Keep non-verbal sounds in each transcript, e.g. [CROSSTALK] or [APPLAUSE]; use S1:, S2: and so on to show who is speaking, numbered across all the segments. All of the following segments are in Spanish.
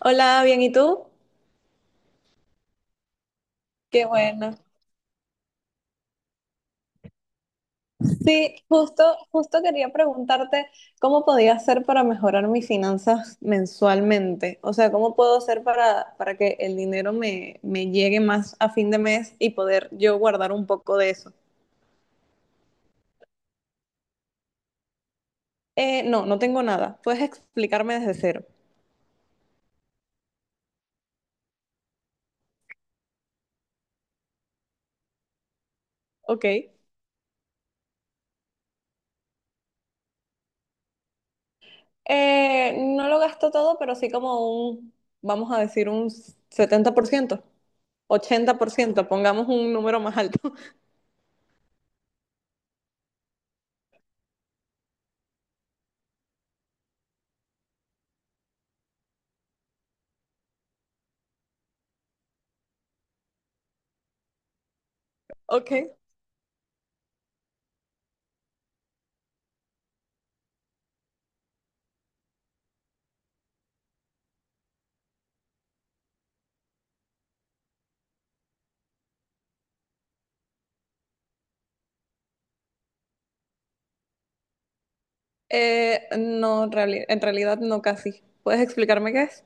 S1: Hola, bien, ¿y tú? Qué bueno. Sí, justo, justo quería preguntarte cómo podía hacer para mejorar mis finanzas mensualmente. O sea, ¿cómo puedo hacer para que el dinero me llegue más a fin de mes y poder yo guardar un poco de eso? No tengo nada. Puedes explicarme desde cero. Ok. No lo gasto todo, pero sí como un, vamos a decir, un 70%, 80%. Pongamos un número más alto. [LAUGHS] Ok. No, en realidad no casi. ¿Puedes explicarme qué es?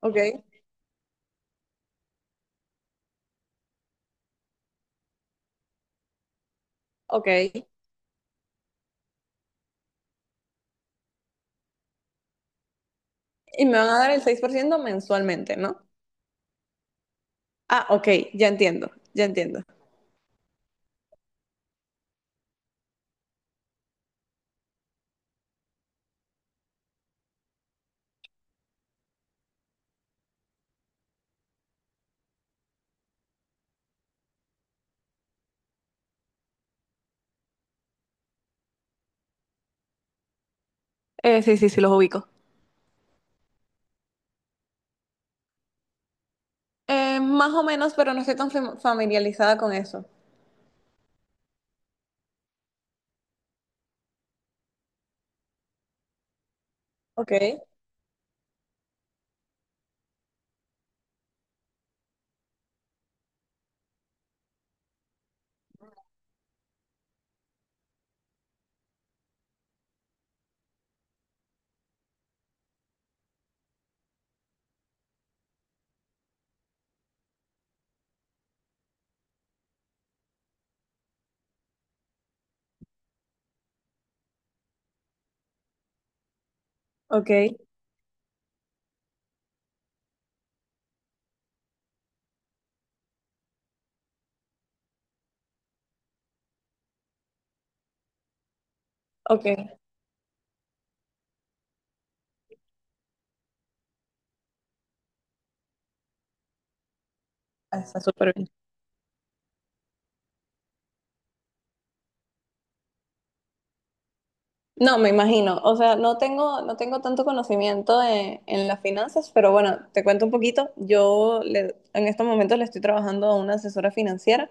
S1: Ok, ok. Y me van a dar el 6% mensualmente, ¿no? Ah, ok, ya entiendo, ya entiendo. Sí, sí, sí, los ubico. Más o menos, pero no estoy tan familiarizada con eso. Ok, ok, ok. Ah, está súper bien. No, me imagino. O sea, no tengo tanto conocimiento de- en las finanzas, pero bueno, te cuento un poquito. En estos momentos le estoy trabajando a una asesora financiera.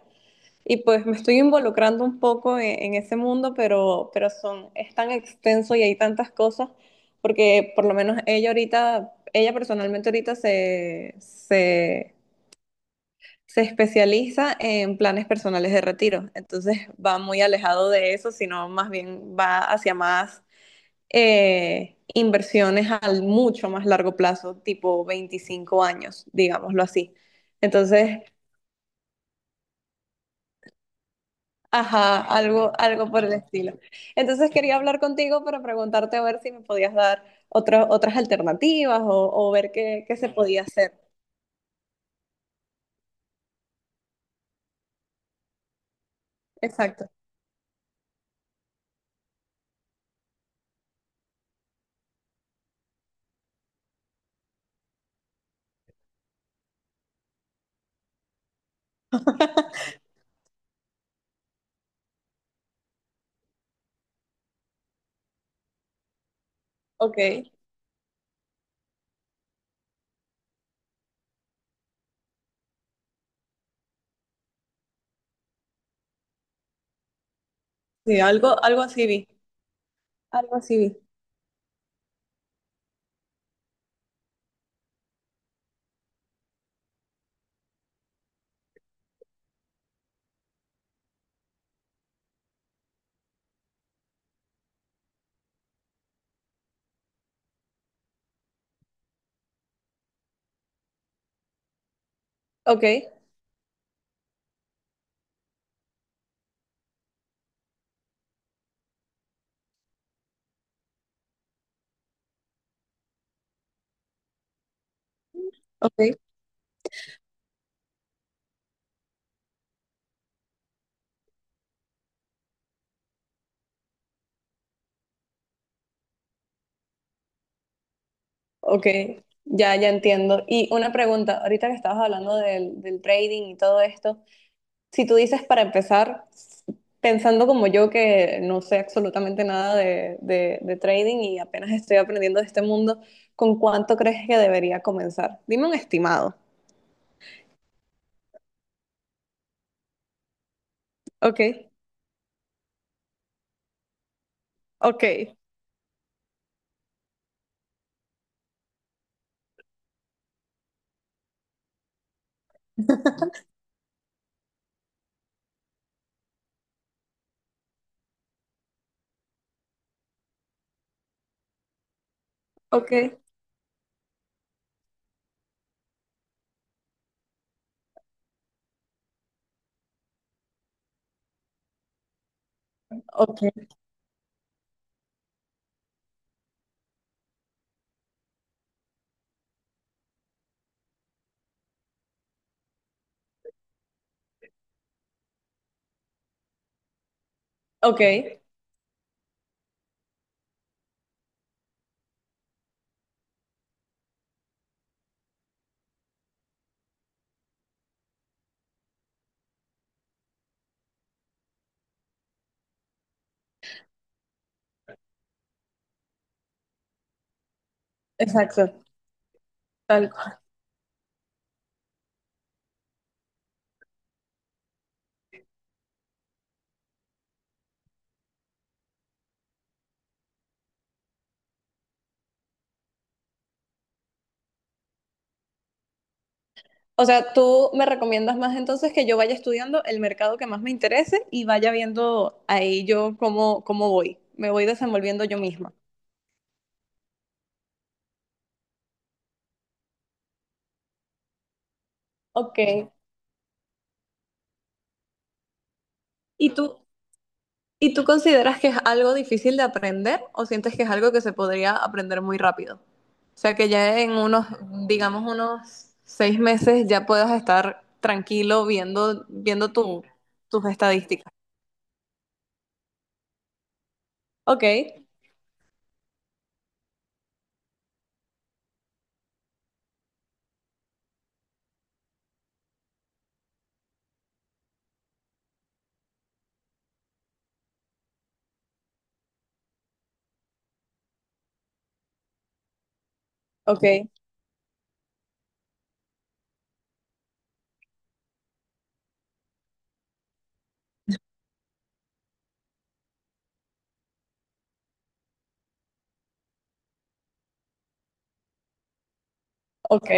S1: Y pues me estoy involucrando un poco en ese mundo, pero, es tan extenso y hay tantas cosas, porque por lo menos ella ahorita, ella personalmente ahorita se especializa en planes personales de retiro. Entonces va muy alejado de eso, sino más bien va hacia más inversiones al mucho más largo plazo, tipo 25 años, digámoslo así. Entonces, ajá, algo, algo por el estilo. Entonces quería hablar contigo para preguntarte a ver si me podías dar otras alternativas o ver qué, qué se podía hacer. Exacto. [LAUGHS] Ok. Sí, algo, algo así vi. Algo así vi. Ok, ok, ok. Ya, ya entiendo. Y una pregunta, ahorita que estabas hablando del trading y todo esto, si tú dices para empezar, pensando como yo que no sé absolutamente nada de, de trading y apenas estoy aprendiendo de este mundo, ¿con cuánto crees que debería comenzar? Dime un estimado. Ok, ok, ok, ok, ok, exacto, tal cual. O sea, tú me recomiendas más entonces que yo vaya estudiando el mercado que más me interese y vaya viendo ahí yo cómo, cómo voy. Me voy desenvolviendo yo misma. Ok. ¿Y tú? ¿Y tú consideras que es algo difícil de aprender o sientes que es algo que se podría aprender muy rápido? O sea, que ya en unos, digamos, unos 6 meses ya puedas estar tranquilo viendo, viendo tu- tus estadísticas. Ok, ok, ok,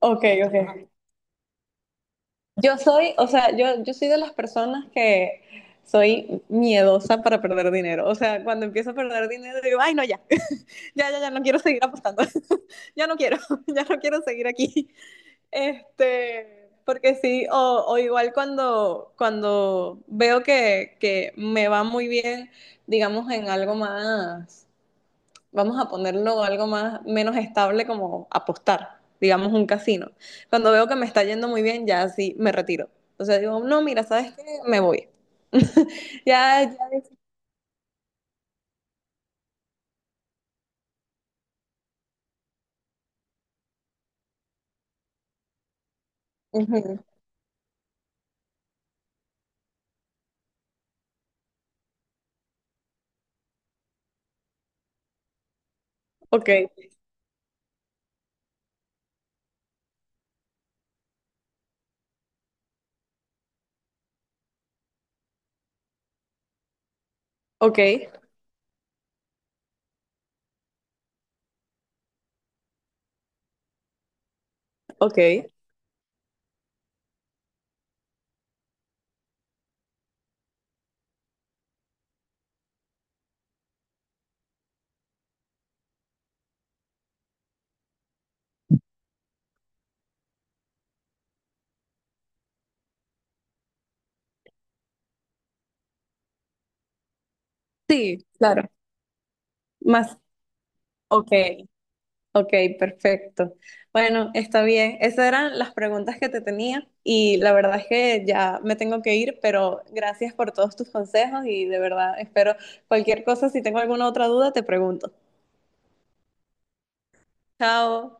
S1: ok, ok. Yo soy, o sea, yo soy de las personas que soy miedosa para perder dinero. O sea, cuando empiezo a perder dinero digo, ay, no, ya, [LAUGHS] ya, ya, ya, no quiero seguir apostando. [LAUGHS] Ya no quiero, [LAUGHS] ya no quiero seguir aquí. Este, porque sí, o igual cuando, cuando veo que me va muy bien, digamos, en algo más, vamos a ponerlo algo más, menos estable como apostar, digamos, un casino. Cuando veo que me está yendo muy bien, ya sí me retiro. O sea, digo, no, mira, ¿sabes qué? Me voy. [LAUGHS] Ya, ya. Ujú. Ok, ok, ok. Sí, claro. Más, ok. Ok, perfecto. Bueno, está bien. Esas eran las preguntas que te tenía y la verdad es que ya me tengo que ir, pero gracias por todos tus consejos y de verdad espero cualquier cosa, si tengo alguna otra duda, te pregunto. Chao.